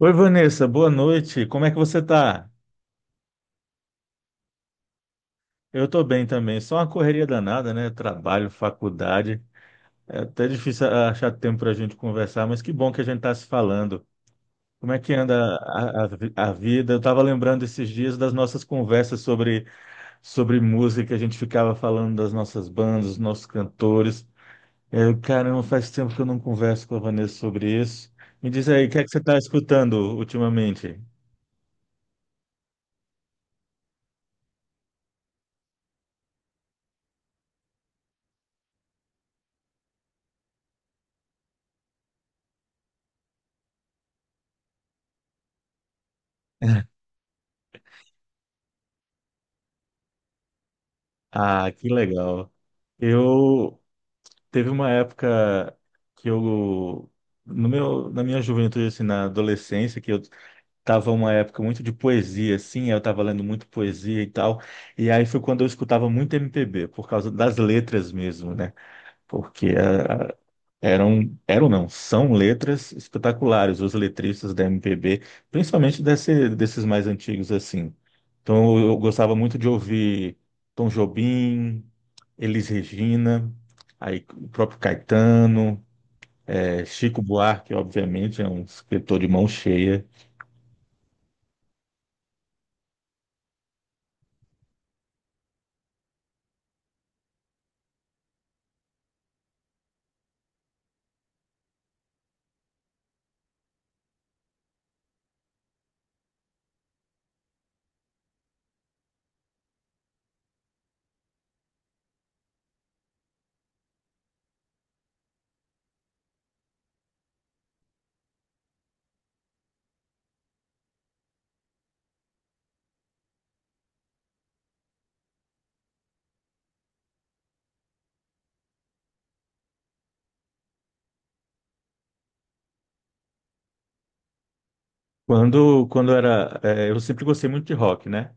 Oi, Vanessa, boa noite. Como é que você tá? Eu tô bem também. Só uma correria danada, né? Trabalho, faculdade. É até difícil achar tempo para a gente conversar, mas que bom que a gente tá se falando. Como é que anda a vida? Eu tava lembrando esses dias das nossas conversas sobre música. A gente ficava falando das nossas bandas, dos nossos cantores. Eu, caramba, faz tempo que eu não converso com a Vanessa sobre isso. Me diz aí, o que é que você tá escutando ultimamente? Ah, que legal. Eu Teve uma época que eu, no meu, na minha juventude, assim, na adolescência, que eu tava uma época muito de poesia, assim, eu tava lendo muito poesia e tal, e aí foi quando eu escutava muito MPB, por causa das letras mesmo, né? Porque eram, eram não, são letras espetaculares, os letristas da MPB, principalmente desses mais antigos assim. Então eu gostava muito de ouvir Tom Jobim, Elis Regina, aí o próprio Caetano, Chico Buarque, obviamente, é um escritor de mão cheia. Eu sempre gostei muito de rock, né?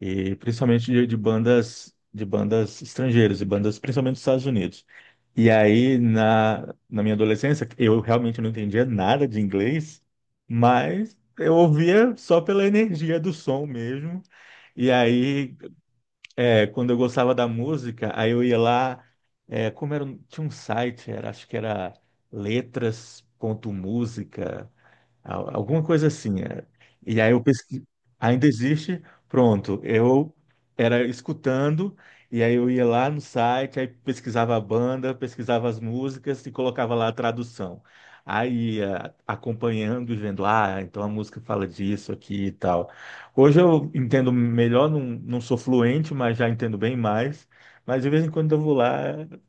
E principalmente de bandas estrangeiras, e bandas principalmente dos Estados Unidos. E aí na minha adolescência, eu realmente não entendia nada de inglês, mas eu ouvia só pela energia do som mesmo. E aí, quando eu gostava da música, aí eu ia lá, como era, tinha um site, era, acho que era letras ponto música. Alguma coisa assim. É. E aí eu pesqui... ainda existe, pronto. Eu era escutando, e aí eu ia lá no site, aí pesquisava a banda, pesquisava as músicas e colocava lá a tradução. Aí ia acompanhando e vendo, ah, então a música fala disso aqui e tal. Hoje eu entendo melhor, não, não sou fluente, mas já entendo bem mais. Mas de vez em quando eu vou lá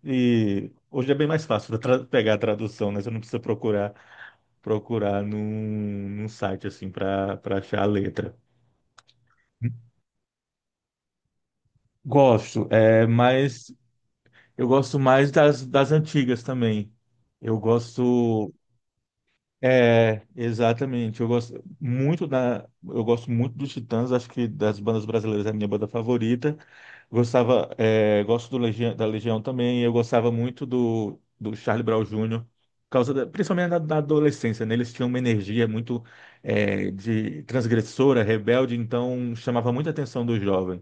e hoje é bem mais fácil pegar a tradução, né? Você não precisa procurar num site assim para achar a letra. Gosto, é, mas eu gosto mais das antigas também. Eu gosto. É, exatamente. Eu gosto muito dos Titãs, acho que das bandas brasileiras é a minha banda favorita. Gostava, é, gosto do Legião, da Legião também. Eu gostava muito do Charlie Brown Jr. por principalmente na adolescência, né? Eles tinham uma energia muito de transgressora, rebelde, então chamava muita atenção dos jovens.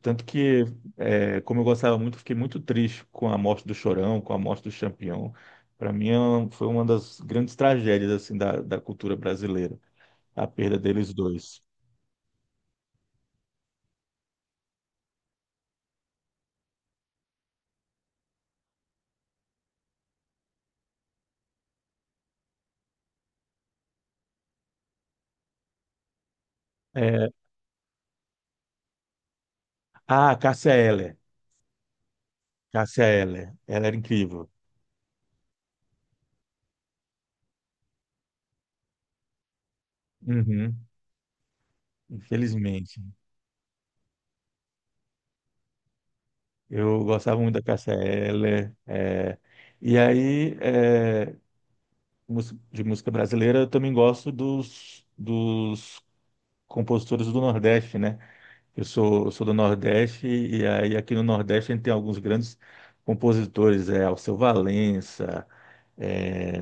Tanto que, como eu gostava muito, fiquei muito triste com a morte do Chorão, com a morte do Champião. Para mim, foi uma das grandes tragédias assim da cultura brasileira, a perda deles dois. É, ah, Cássia Eller. Cássia Eller. Ela era incrível. Uhum, infelizmente. Eu gostava muito da Cássia Eller. E aí, é, de música brasileira, eu também gosto dos compositores do Nordeste, né? Eu sou do Nordeste e aí aqui no Nordeste a gente tem alguns grandes compositores, é Alceu Valença, é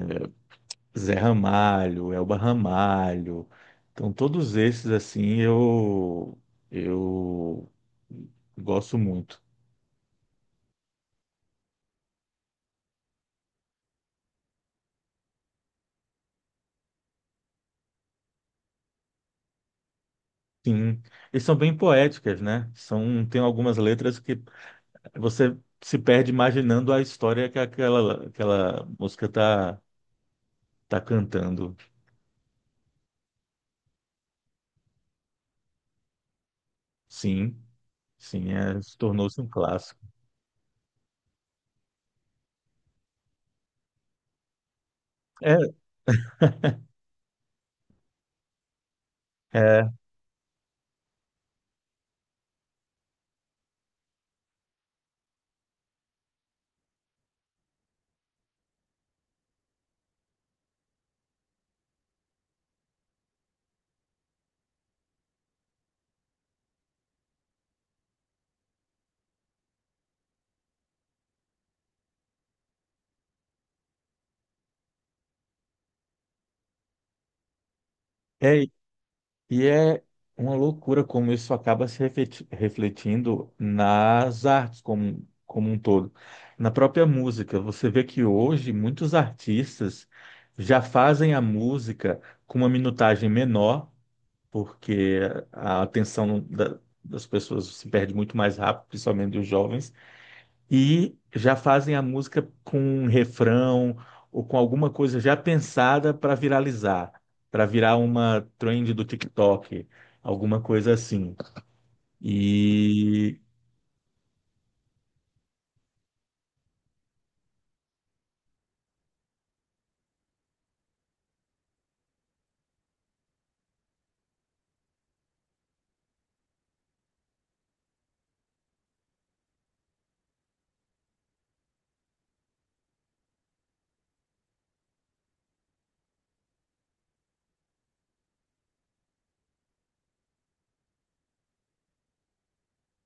Zé Ramalho, Elba Ramalho. Então todos esses assim eu gosto muito. Sim, e são bem poéticas, né? São tem algumas letras que você se perde imaginando a história que aquela música tá cantando. Sim, sim, é, se tornou-se um clássico. É, é, é, e é uma loucura como isso acaba se refleti- refletindo nas artes como um todo, na própria música. Você vê que hoje muitos artistas já fazem a música com uma minutagem menor, porque a atenção das pessoas se perde muito mais rápido, principalmente dos jovens e já fazem a música com um refrão ou com alguma coisa já pensada para viralizar, para virar uma trend do TikTok, alguma coisa assim. E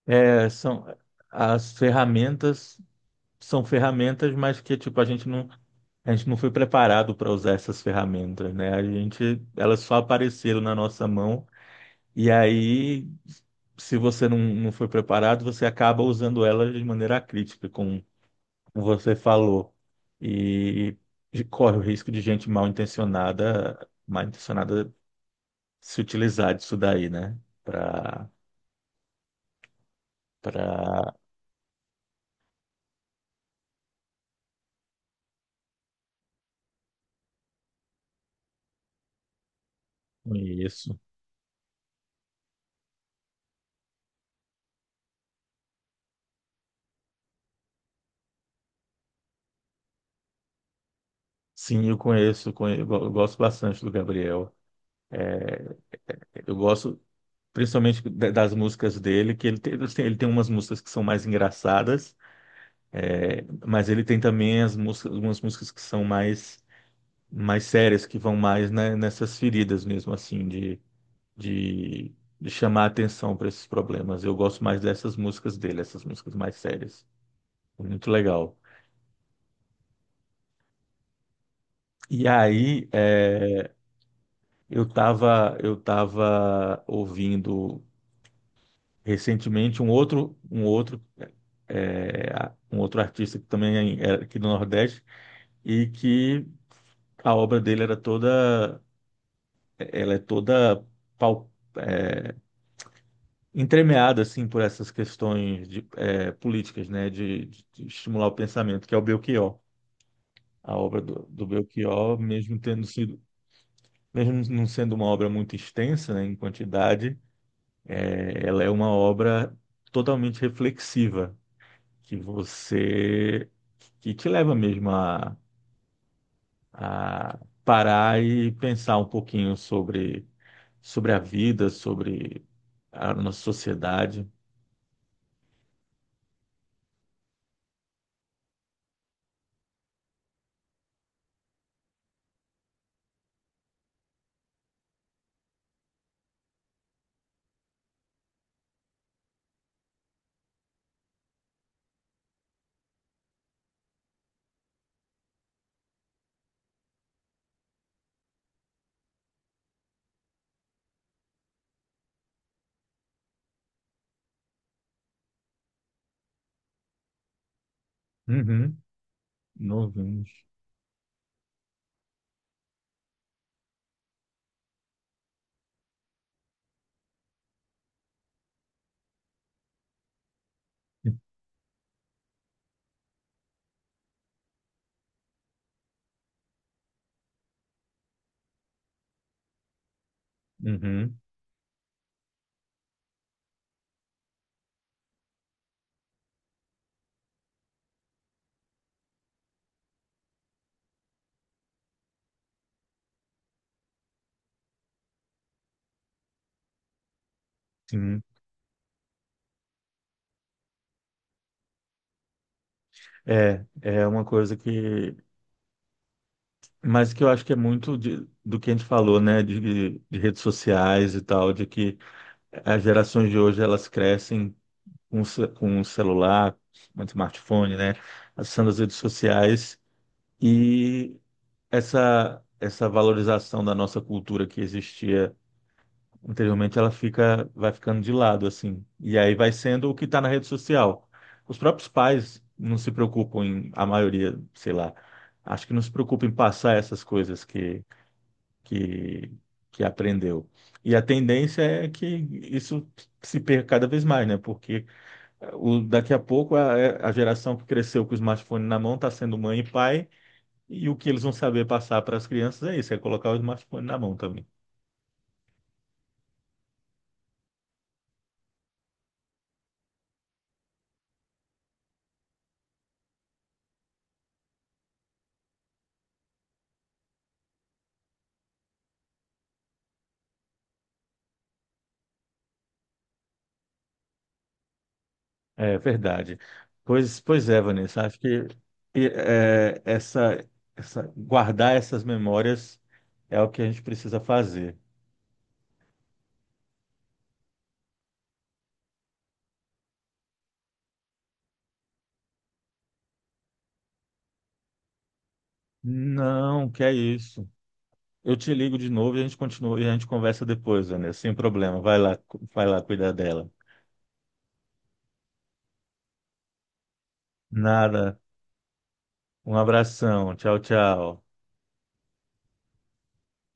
são as ferramentas são ferramentas, mas que tipo a gente não foi preparado para usar essas ferramentas, né? A gente elas só apareceram na nossa mão e aí se você não foi preparado, você acaba usando elas de maneira crítica, com como você falou, e, e corre o risco de gente mal intencionada se utilizar disso daí, né? Para para isso. Sim, eu conheço, eu gosto bastante do Gabriel. Eu gosto principalmente das músicas dele, que ele tem umas músicas que são mais engraçadas, mas ele tem também algumas músicas que são mais sérias, que vão mais, né, nessas feridas mesmo, assim, de, de chamar a atenção para esses problemas. Eu gosto mais dessas músicas dele, essas músicas mais sérias. É muito legal. E aí, é, eu tava ouvindo recentemente um outro artista que também é aqui do Nordeste e que a obra dele ela é toda pau- entremeada assim por essas questões de políticas, né, de estimular o pensamento, que é o Belchior. A obra do Belchior, mesmo não sendo uma obra muito extensa, né, em quantidade, ela é uma obra totalmente reflexiva, que você, que te leva mesmo a parar e pensar um pouquinho sobre a vida, sobre a nossa sociedade. Uhum, novinhos. Uhum, sim. É, é uma coisa que mas que eu acho que é muito do que a gente falou, né, de redes sociais e tal, de que as gerações de hoje elas crescem com, com um celular, um smartphone, né, acessando as redes sociais e essa essa valorização da nossa cultura que existia anteriormente, ela fica vai ficando de lado assim. E aí vai sendo o que está na rede social. Os próprios pais não se preocupam em, a maioria, sei lá, acho que não se preocupa em passar essas coisas que, que aprendeu. E a tendência é que isso se perca cada vez mais, né? Porque daqui a pouco a geração que cresceu com o smartphone na mão está sendo mãe e pai, e o que eles vão saber passar para as crianças é isso, é colocar o smartphone na mão também. É verdade. Pois é, Vanessa, acho que e, é, essa, guardar essas memórias é o que a gente precisa fazer. Não, que é isso. Eu te ligo de novo e a gente continua e a gente conversa depois, Vanessa, sem problema. Vai lá, vai lá cuidar dela. Nada. Um abração. Tchau, tchau.